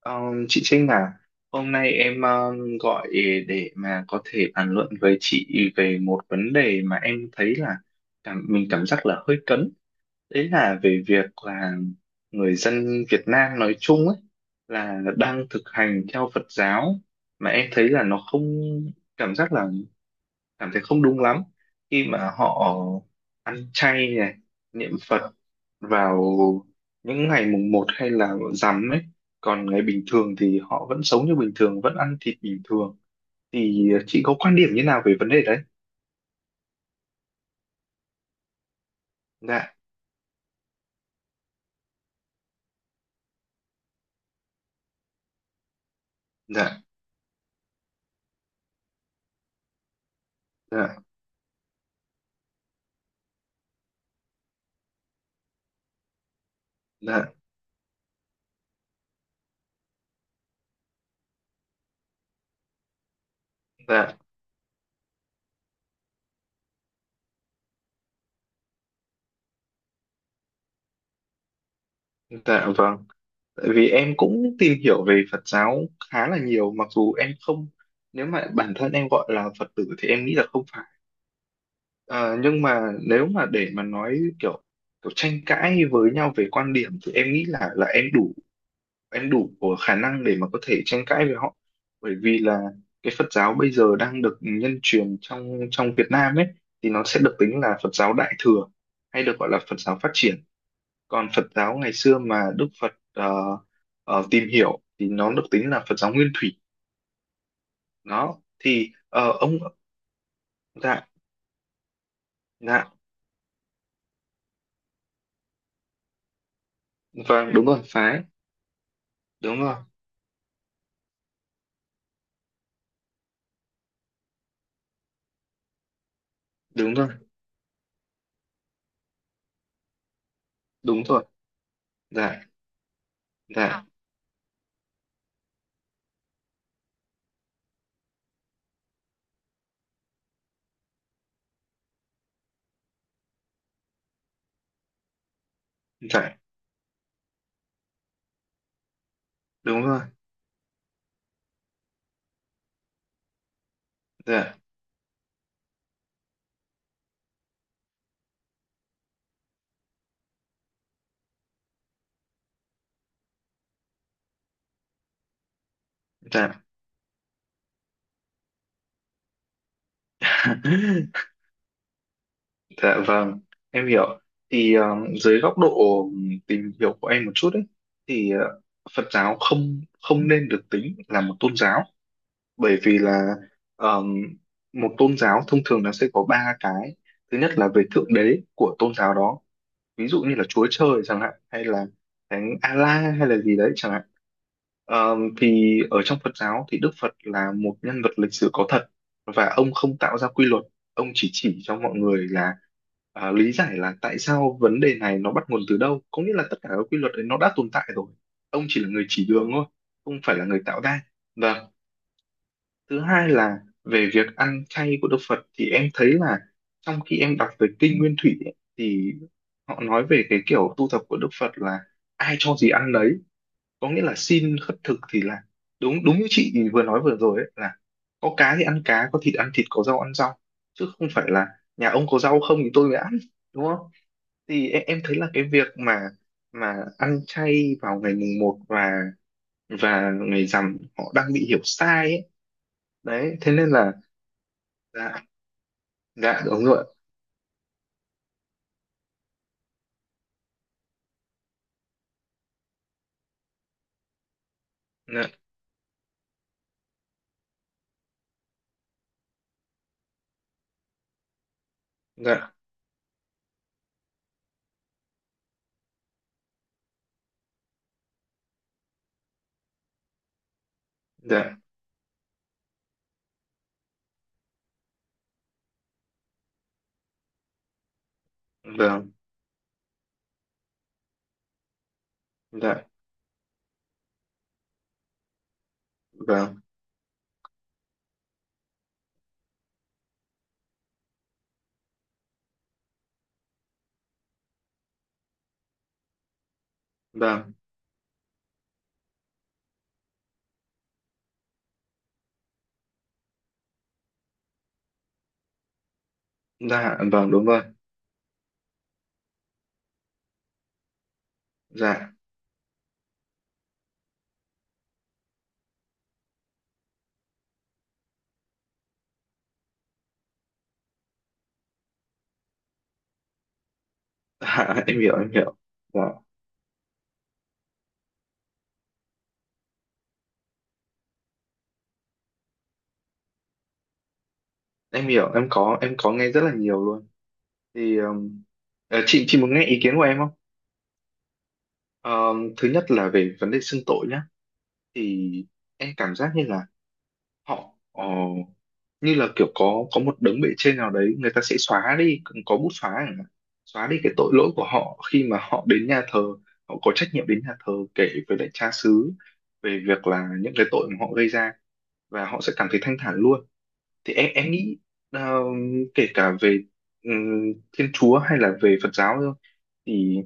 Ờ, chị Trinh à, hôm nay em gọi để mà có thể bàn luận với chị về một vấn đề mà em thấy là mình cảm giác là hơi cấn. Đấy là về việc là người dân Việt Nam nói chung ấy là đang thực hành theo Phật giáo mà em thấy là nó không cảm giác là cảm thấy không đúng lắm khi mà họ ăn chay này, niệm Phật vào những ngày mùng một hay là rằm ấy, còn ngày bình thường thì họ vẫn sống như bình thường, vẫn ăn thịt bình thường. Thì chị có quan điểm như nào về vấn đề đấy? Dạ. Dạ. Dạ. Dạ. Dạ. Dạ vâng. Tại vì em cũng tìm hiểu về Phật giáo khá là nhiều, mặc dù em không, nếu mà bản thân em gọi là Phật tử thì em nghĩ là không phải. Ờ, nhưng mà nếu mà để mà nói kiểu kiểu tranh cãi với nhau về quan điểm thì em nghĩ là em đủ của khả năng để mà có thể tranh cãi với họ. Bởi vì là cái Phật giáo bây giờ đang được nhân truyền trong trong Việt Nam ấy thì nó sẽ được tính là Phật giáo Đại thừa, hay được gọi là Phật giáo phát triển. Còn Phật giáo ngày xưa mà Đức Phật tìm hiểu thì nó được tính là Phật giáo Nguyên thủy. Đó thì ờ, ông dạ. Dạ vâng. Đúng rồi, phái. Đúng rồi. Đúng rồi. Đúng rồi. Dạ. Dạ. Dạ. Đúng rồi. Dạ. Dạ. Dạ vâng, em hiểu. Thì dưới góc độ tìm hiểu của em một chút ấy, thì Phật giáo không không nên được tính là một tôn giáo, bởi vì là um, một tôn giáo thông thường nó sẽ có ba cái. Thứ nhất là về thượng đế của tôn giáo đó, ví dụ như là Chúa Trời chẳng hạn, hay là thánh Allah hay là gì đấy chẳng hạn. Thì ở trong Phật giáo thì Đức Phật là một nhân vật lịch sử có thật, và ông không tạo ra quy luật, ông chỉ cho mọi người là, lý giải là tại sao vấn đề này nó bắt nguồn từ đâu, có nghĩa là tất cả các quy luật đấy nó đã tồn tại rồi. Ông chỉ là người chỉ đường thôi, không phải là người tạo ra. Và thứ hai là về việc ăn chay của Đức Phật thì em thấy là, trong khi em đọc về Kinh Nguyên Thủy ấy, thì họ nói về cái kiểu tu tập của Đức Phật là ai cho gì ăn đấy, có nghĩa là xin khất thực, thì là đúng đúng như chị vừa nói vừa rồi ấy, là có cá thì ăn cá, có thịt ăn thịt, có rau ăn rau, chứ không phải là nhà ông có rau không thì tôi mới ăn, đúng không? Thì em thấy là cái việc mà ăn chay vào ngày mùng một và ngày rằm họ đang bị hiểu sai ấy. Đấy, thế nên là. Dạ. Dạ. Đúng rồi. Dạ. Dạ. Dạ vâng. Dạ vâng vâng. Dạ vâng. Đúng rồi. Dạ. Dạ, em hiểu em hiểu. Dạ, em hiểu. Em có nghe rất là nhiều luôn. Thì chị muốn nghe ý kiến của em không? Thứ nhất là về vấn đề xưng tội nhá, thì em cảm giác như là họ như là kiểu có một đấng bề trên nào đấy, người ta sẽ xóa đi, có bút xóa chẳng hạn. Xóa đi cái tội lỗi của họ khi mà họ đến nhà thờ. Họ có trách nhiệm đến nhà thờ kể với lại cha xứ về việc là những cái tội mà họ gây ra, và họ sẽ cảm thấy thanh thản luôn. Thì em nghĩ ờ, kể cả về Thiên Chúa hay là về Phật giáo thôi, thì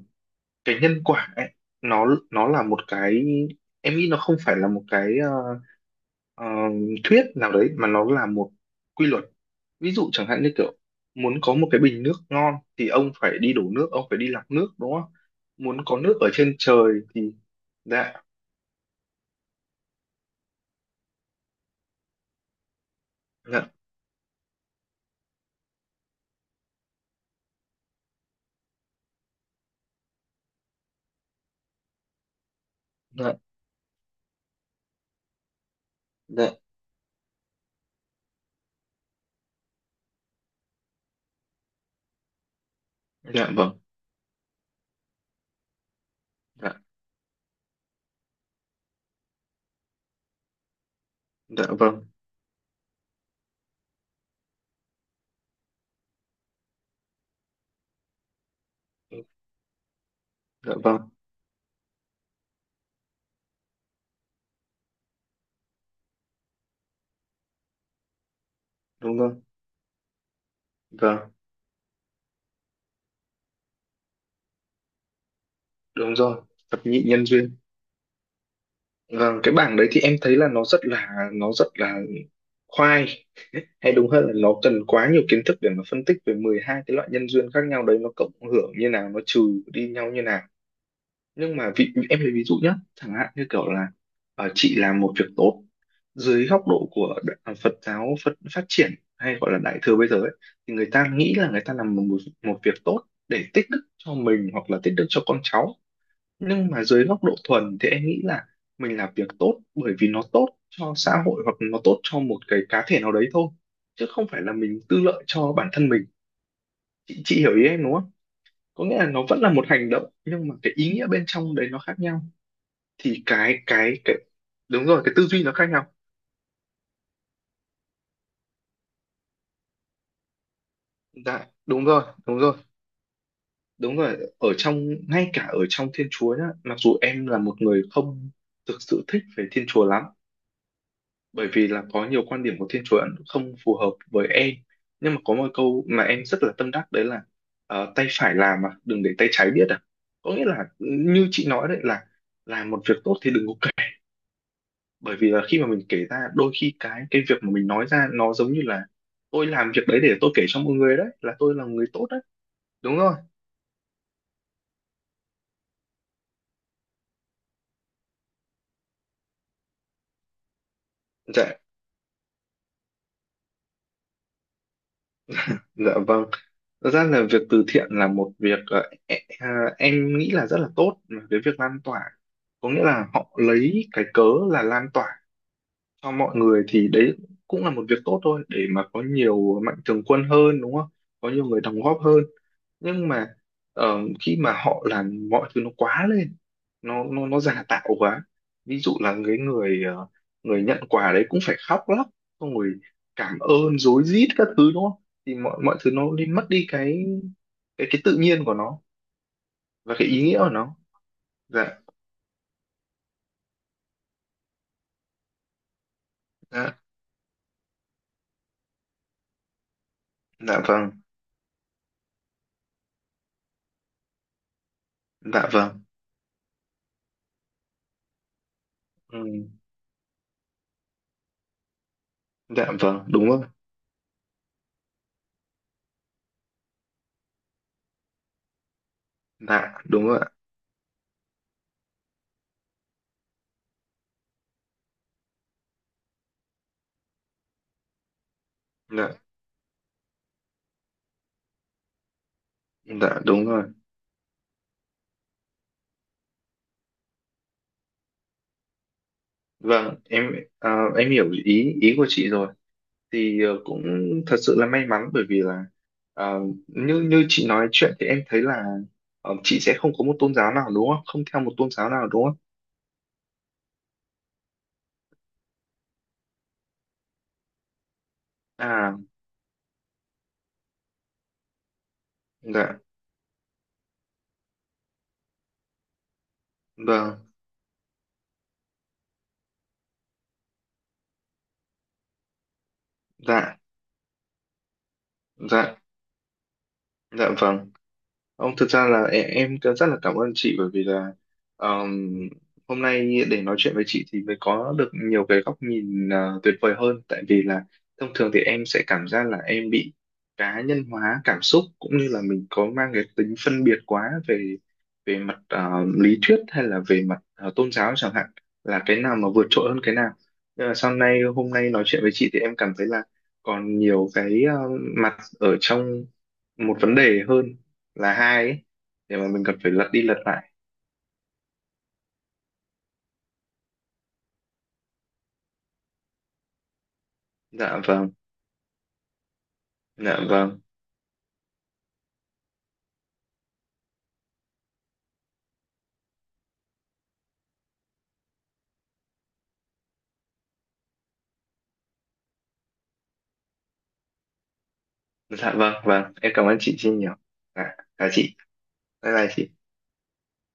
cái nhân quả ấy nó nó là một cái, em nghĩ nó không phải là một cái ờ, thuyết nào đấy, mà nó là một quy luật. Ví dụ chẳng hạn như kiểu, muốn có một cái bình nước ngon thì ông phải đi đổ nước, ông phải đi lọc nước, đúng không? Muốn có nước ở trên trời thì. Dạ. Dạ. Dạ. Dạ. Dạ vâng. Dạ. Dạ vâng. Dạ vâng. Đúng rồi. Vâng, đúng rồi. Thập nhị nhân duyên. Vâng, cái bảng đấy thì em thấy là nó rất là khoai. Hay đúng hơn là nó cần quá nhiều kiến thức để mà phân tích về 12 cái loại nhân duyên khác nhau đấy, nó cộng hưởng như nào, nó trừ đi nhau như nào. Nhưng mà vị em lấy ví dụ nhé, chẳng hạn như kiểu là chị làm một việc tốt, dưới góc độ của Phật giáo Phật phát triển hay gọi là đại thừa bây giờ ấy, thì người ta nghĩ là người ta làm một một việc tốt để tích đức cho mình hoặc là tích đức cho con cháu. Nhưng mà dưới góc độ thuần thì em nghĩ là mình làm việc tốt bởi vì nó tốt cho xã hội, hoặc nó tốt cho một cái cá thể nào đấy thôi, chứ không phải là mình tư lợi cho bản thân mình. Chị hiểu ý em đúng không? Có nghĩa là nó vẫn là một hành động nhưng mà cái ý nghĩa bên trong đấy nó khác nhau. Thì cái đúng rồi, cái tư duy nó khác nhau. Dạ đúng rồi. Đúng rồi. Đúng rồi. Ở trong Ngay cả ở trong Thiên Chúa nhá, mặc dù em là một người không thực sự thích về Thiên Chúa lắm, bởi vì là có nhiều quan điểm của Thiên Chúa Ấn không phù hợp với em. Nhưng mà có một câu mà em rất là tâm đắc, đấy là tay phải làm mà đừng để tay trái biết à. Có nghĩa là như chị nói đấy, là làm một việc tốt thì đừng có kể, bởi vì là khi mà mình kể ra, đôi khi cái việc mà mình nói ra nó giống như là tôi làm việc đấy để tôi kể cho mọi người, đấy là tôi là người tốt đấy. Đúng rồi. Dạ. Dạ vâng. Thật ra là việc từ thiện là một việc em nghĩ là rất là tốt, là cái việc lan tỏa. Có nghĩa là họ lấy cái cớ là lan tỏa cho mọi người, thì đấy cũng là một việc tốt thôi, để mà có nhiều mạnh thường quân hơn, đúng không? Có nhiều người đóng góp hơn. Nhưng mà ờ, khi mà họ làm mọi thứ nó quá lên, nó giả tạo quá. Ví dụ là người nhận quà đấy cũng phải khóc lóc, xong rồi cảm ơn rối rít các thứ, đúng không? Thì mọi mọi thứ nó đi mất đi cái tự nhiên của nó và cái ý nghĩa của nó. Dạ. Dạ. Dạ vâng. Dạ vâng. Ừ. Dạ vâng. Đúng rồi. Dạ. Đúng rồi ạ. Dạ. Dạ đúng rồi. Vâng, em hiểu ý ý của chị rồi. Thì cũng thật sự là may mắn, bởi vì là, à, như như chị nói chuyện thì em thấy là, chị sẽ không có một tôn giáo nào đúng không? Không theo một tôn giáo nào đúng không? À. Dạ. Vâng. Dạ. Dạ. Dạ vâng. Ông thực ra là em rất là cảm ơn chị, bởi vì là ờm, hôm nay để nói chuyện với chị thì mới có được nhiều cái góc nhìn tuyệt vời hơn, tại vì là thông thường thì em sẽ cảm giác là em bị cá nhân hóa cảm xúc, cũng như là mình có mang cái tính phân biệt quá về về mặt lý thuyết, hay là về mặt tôn giáo chẳng hạn, là cái nào mà vượt trội hơn cái nào. Nhưng mà sau này hôm nay nói chuyện với chị thì em cảm thấy là còn nhiều cái mặt ở trong một vấn đề, hơn là hai ấy, để mà mình còn phải lật đi lật lại. Dạ vâng. Dạ vâng. Dạ vâng. Vâng, em cảm ơn chị Trinh nhiều. Dạ, chào chị. Bye bye chị.